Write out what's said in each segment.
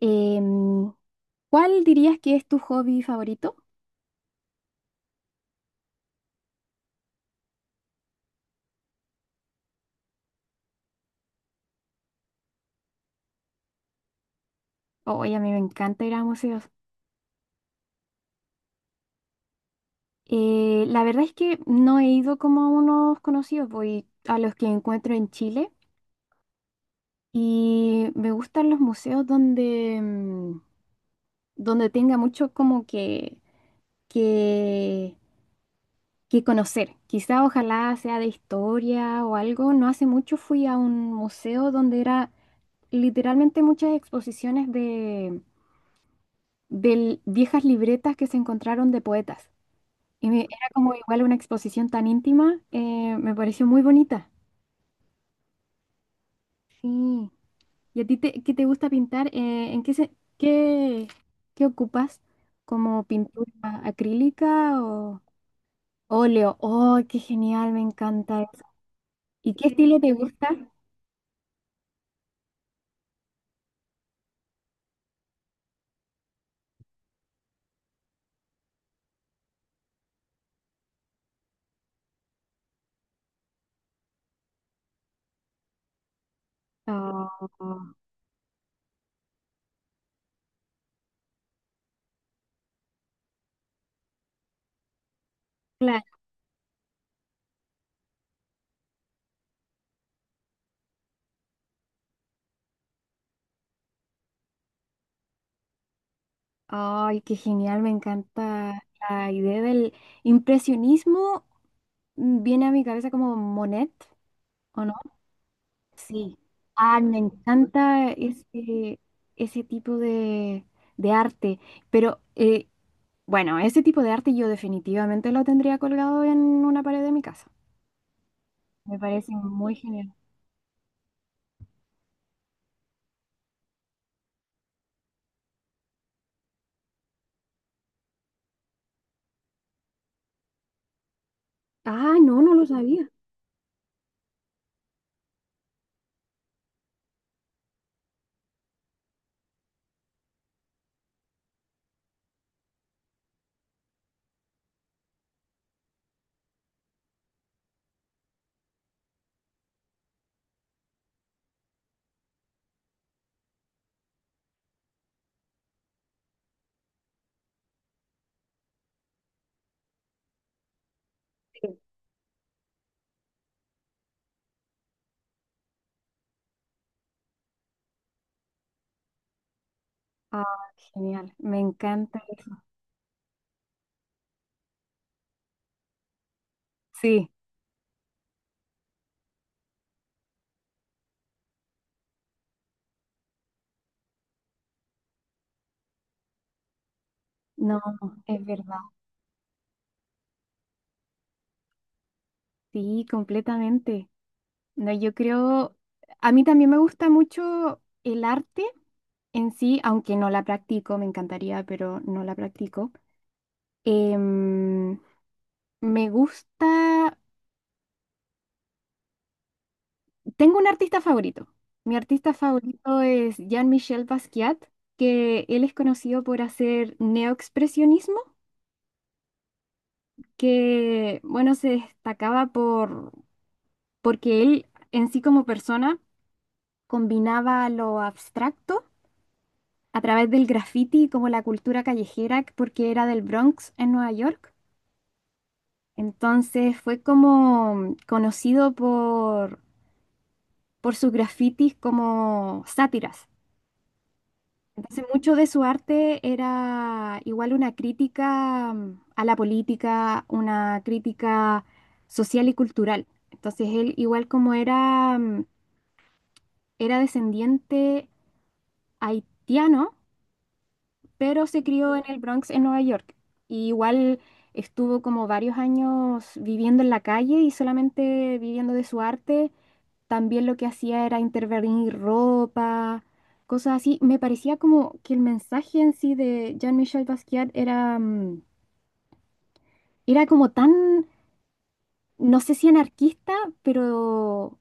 Em, ¿Cuál dirías que es tu hobby favorito? Oye, a mí me encanta ir a museos. La verdad es que no he ido como a unos conocidos, voy a los que encuentro en Chile y me gustan los museos donde tenga mucho como que, que conocer. Quizá ojalá sea de historia o algo. No hace mucho fui a un museo donde era literalmente muchas exposiciones de viejas libretas que se encontraron de poetas. Y era como igual una exposición tan íntima, me pareció muy bonita. Sí. ¿Y a ti qué te gusta pintar? ¿En qué, qué, qué ocupas? ¿Como pintura acrílica o óleo? ¡Oh, qué genial! Me encanta eso. ¿Y qué estilo te gusta? Oh, claro. ¡Ay, qué genial! Me encanta la idea del impresionismo. Viene a mi cabeza como Monet, ¿o no? Sí, me encanta ese tipo de arte, pero bueno, ese tipo de arte yo definitivamente lo tendría colgado en una pared de mi casa. Me parece muy genial. Ah, no, no lo sabía. Ah, genial, me encanta eso. Sí, no, es verdad. Sí, completamente. No, yo creo, a mí también me gusta mucho el arte en sí, aunque no la practico, me encantaría, pero no la practico. Em, me gusta, tengo un artista favorito. Mi artista favorito es Jean-Michel Basquiat, que él es conocido por hacer neoexpresionismo, que bueno, se destacaba porque él en sí como persona combinaba lo abstracto a través del graffiti como la cultura callejera, porque era del Bronx en Nueva York. Entonces fue como conocido por sus grafitis como sátiras. Entonces, mucho de su arte era igual una crítica a la política, una crítica social y cultural. Entonces, él igual como era, era descendiente haitiano, pero se crió en el Bronx, en Nueva York. Y igual estuvo como varios años viviendo en la calle y solamente viviendo de su arte. También lo que hacía era intervenir ropa, cosas así. Me parecía como que el mensaje en sí de Jean-Michel Basquiat era, era como tan, no sé si anarquista, pero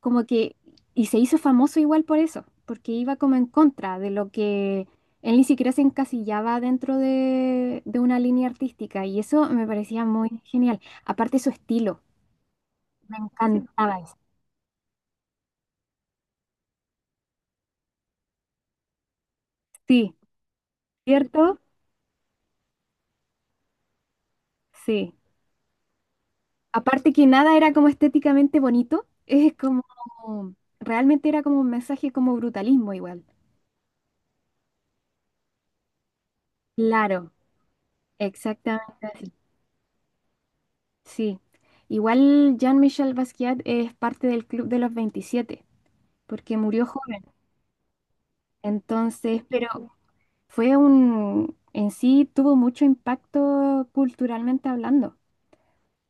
como que, y se hizo famoso igual por eso, porque iba como en contra de lo que él ni siquiera se encasillaba de una línea artística, y eso me parecía muy genial. Aparte su estilo, me Sí. encantaba eso. Sí, ¿cierto? Sí. Aparte que nada era como estéticamente bonito, es como, realmente era como un mensaje como brutalismo igual. Claro, exactamente así. Sí. Igual Jean-Michel Basquiat es parte del Club de los 27 porque murió joven. Entonces, pero fue un, en sí tuvo mucho impacto culturalmente hablando,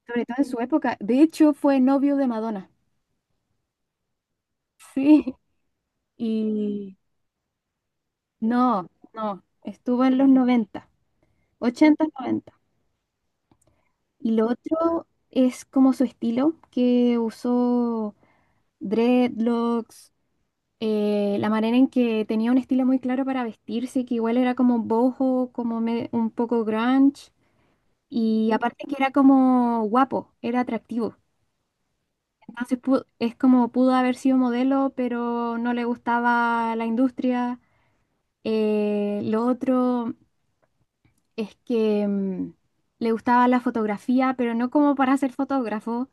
sobre todo en su época. De hecho, fue novio de Madonna. Sí. Y no, no, estuvo en los 90. Ochenta, noventa. Y lo otro es como su estilo, que usó dreadlocks, la manera en que tenía un estilo muy claro para vestirse, que igual era como boho, como un poco grunge, y aparte que era como guapo, era atractivo. Entonces es como pudo haber sido modelo, pero no le gustaba la industria. Lo otro es que... le gustaba la fotografía, pero no como para ser fotógrafo,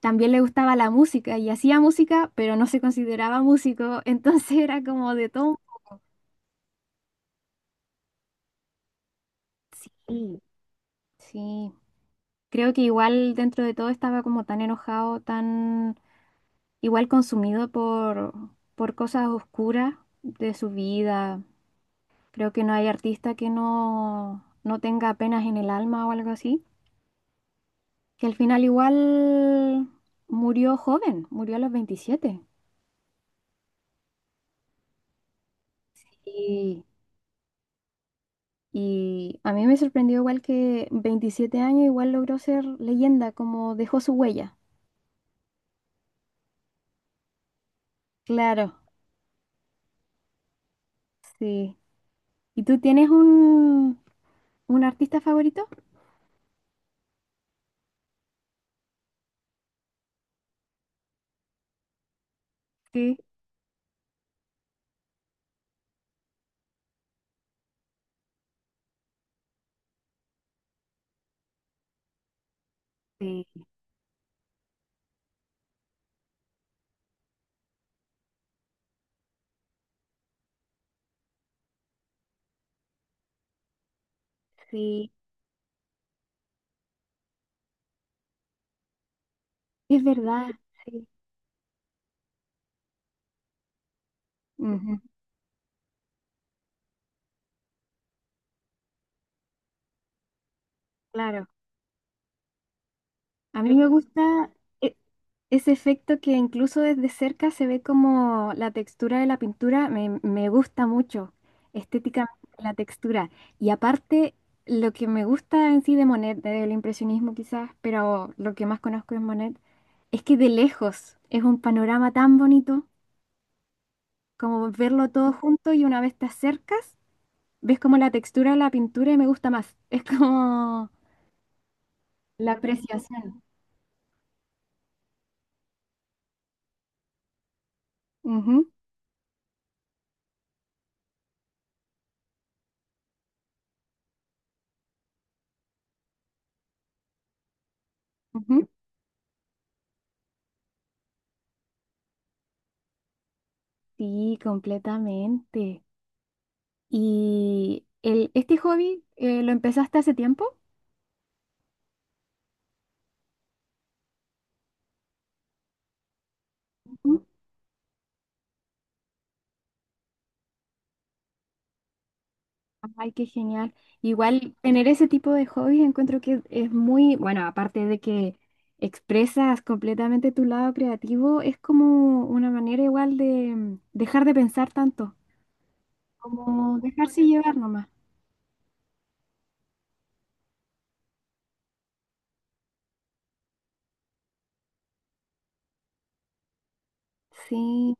también le gustaba la música y hacía música, pero no se consideraba músico, entonces era como de todo. Sí, sí. Creo que igual dentro de todo estaba como tan enojado, tan igual consumido por cosas oscuras de su vida. Creo que no hay artista que no tenga penas en el alma o algo así. Que al final igual murió joven, murió a los 27. Y a mí me sorprendió igual que 27 años igual logró ser leyenda, como dejó su huella. Claro, sí. ¿Y tú tienes un artista favorito? Sí, sí, sí, es verdad, sí, ujú, claro. A mí me gusta e- ese efecto que incluso desde cerca se ve como la textura de la pintura, me gusta mucho estéticamente la textura. Y aparte, lo que me gusta en sí de Monet, del impresionismo quizás, pero lo que más conozco es Monet, es que de lejos es un panorama tan bonito como verlo todo junto y una vez te acercas, ves como la textura de la pintura y me gusta más. Es como la apreciación. Ujú, ujú. Sí, completamente. ¿Y el, este hobby lo empezaste hace tiempo? Ujú. Ay, qué genial. Igual tener ese tipo de hobbies encuentro que es muy, bueno, aparte de que expresas completamente tu lado creativo, es como una manera igual de dejar de pensar tanto, como dejarse llevar nomás. Sí,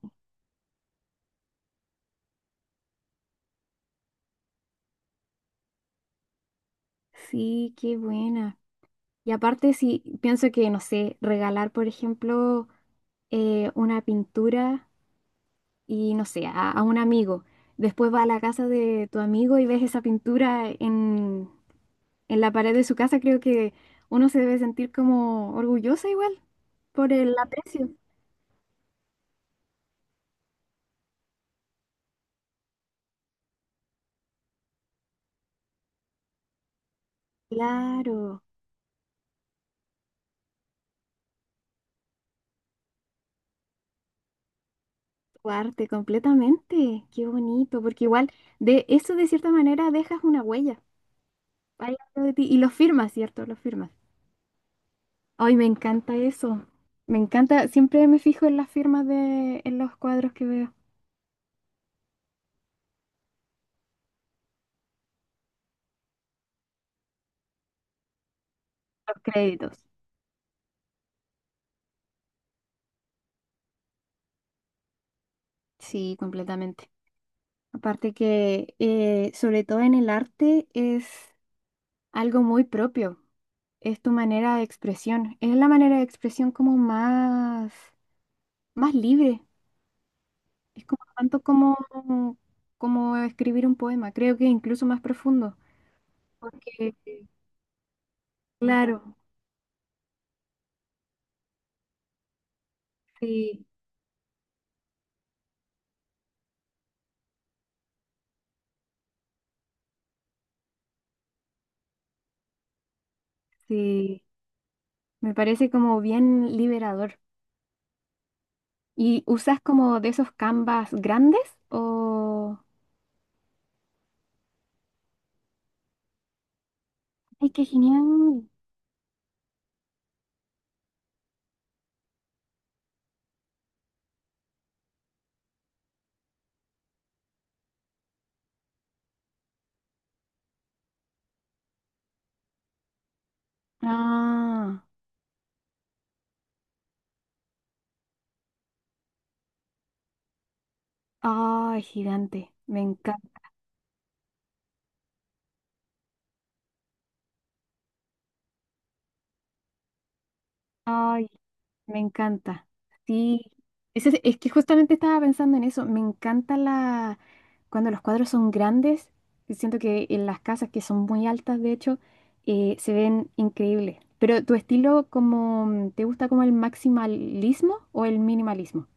sí, qué buena. Y aparte, sí, pienso que, no sé, regalar, por ejemplo, una pintura y no sé, a un amigo. Después va a la casa de tu amigo y ves esa pintura en la pared de su casa, creo que uno se debe sentir como orgullosa igual por el aprecio. Claro, tu arte completamente. Qué bonito, porque igual de eso de cierta manera dejas una huella ahí dentro de ti y lo firmas, ¿cierto? Lo firmas. Ay, me encanta eso. Me encanta, siempre me fijo en las firmas de, en los cuadros que veo. Los créditos. Sí, completamente. Aparte que, sobre todo en el arte, es algo muy propio. Es tu manera de expresión. Es la manera de expresión como más, más libre. Es como tanto como, como escribir un poema. Creo que incluso más profundo. Porque, claro, sí, sí. Me parece como bien liberador. ¿Y usas como de esos canvas grandes? O... ¡Ay, qué genial! Ah. Ay, gigante, me encanta. Ay, me encanta. Sí, ese es que justamente estaba pensando en eso. Me encanta la cuando los cuadros son grandes. Y siento que en las casas que son muy altas, de hecho, se ven increíbles. Pero tu estilo, como, ¿te gusta como el maximalismo o el minimalismo?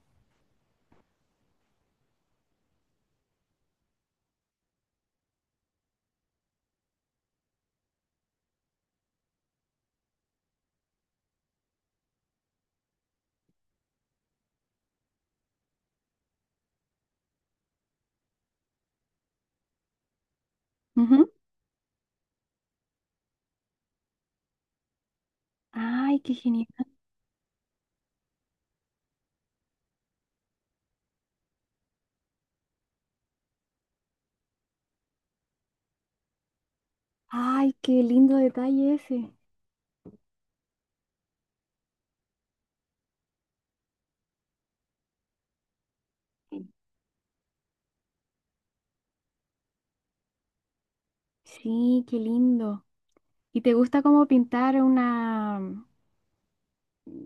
Ujú. Ay, qué genial. Ay, qué lindo detalle ese. Sí, qué lindo. ¿Y te gusta como pintar una?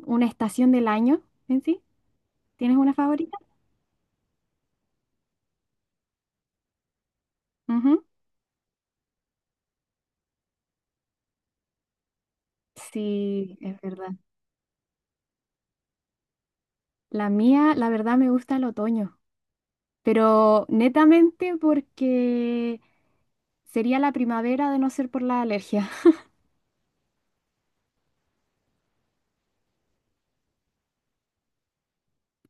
Una estación del año en sí. ¿Tienes una favorita? Ujú. Sí, es verdad. La mía, la verdad, me gusta el otoño, pero netamente porque sería la primavera de no ser por la alergia.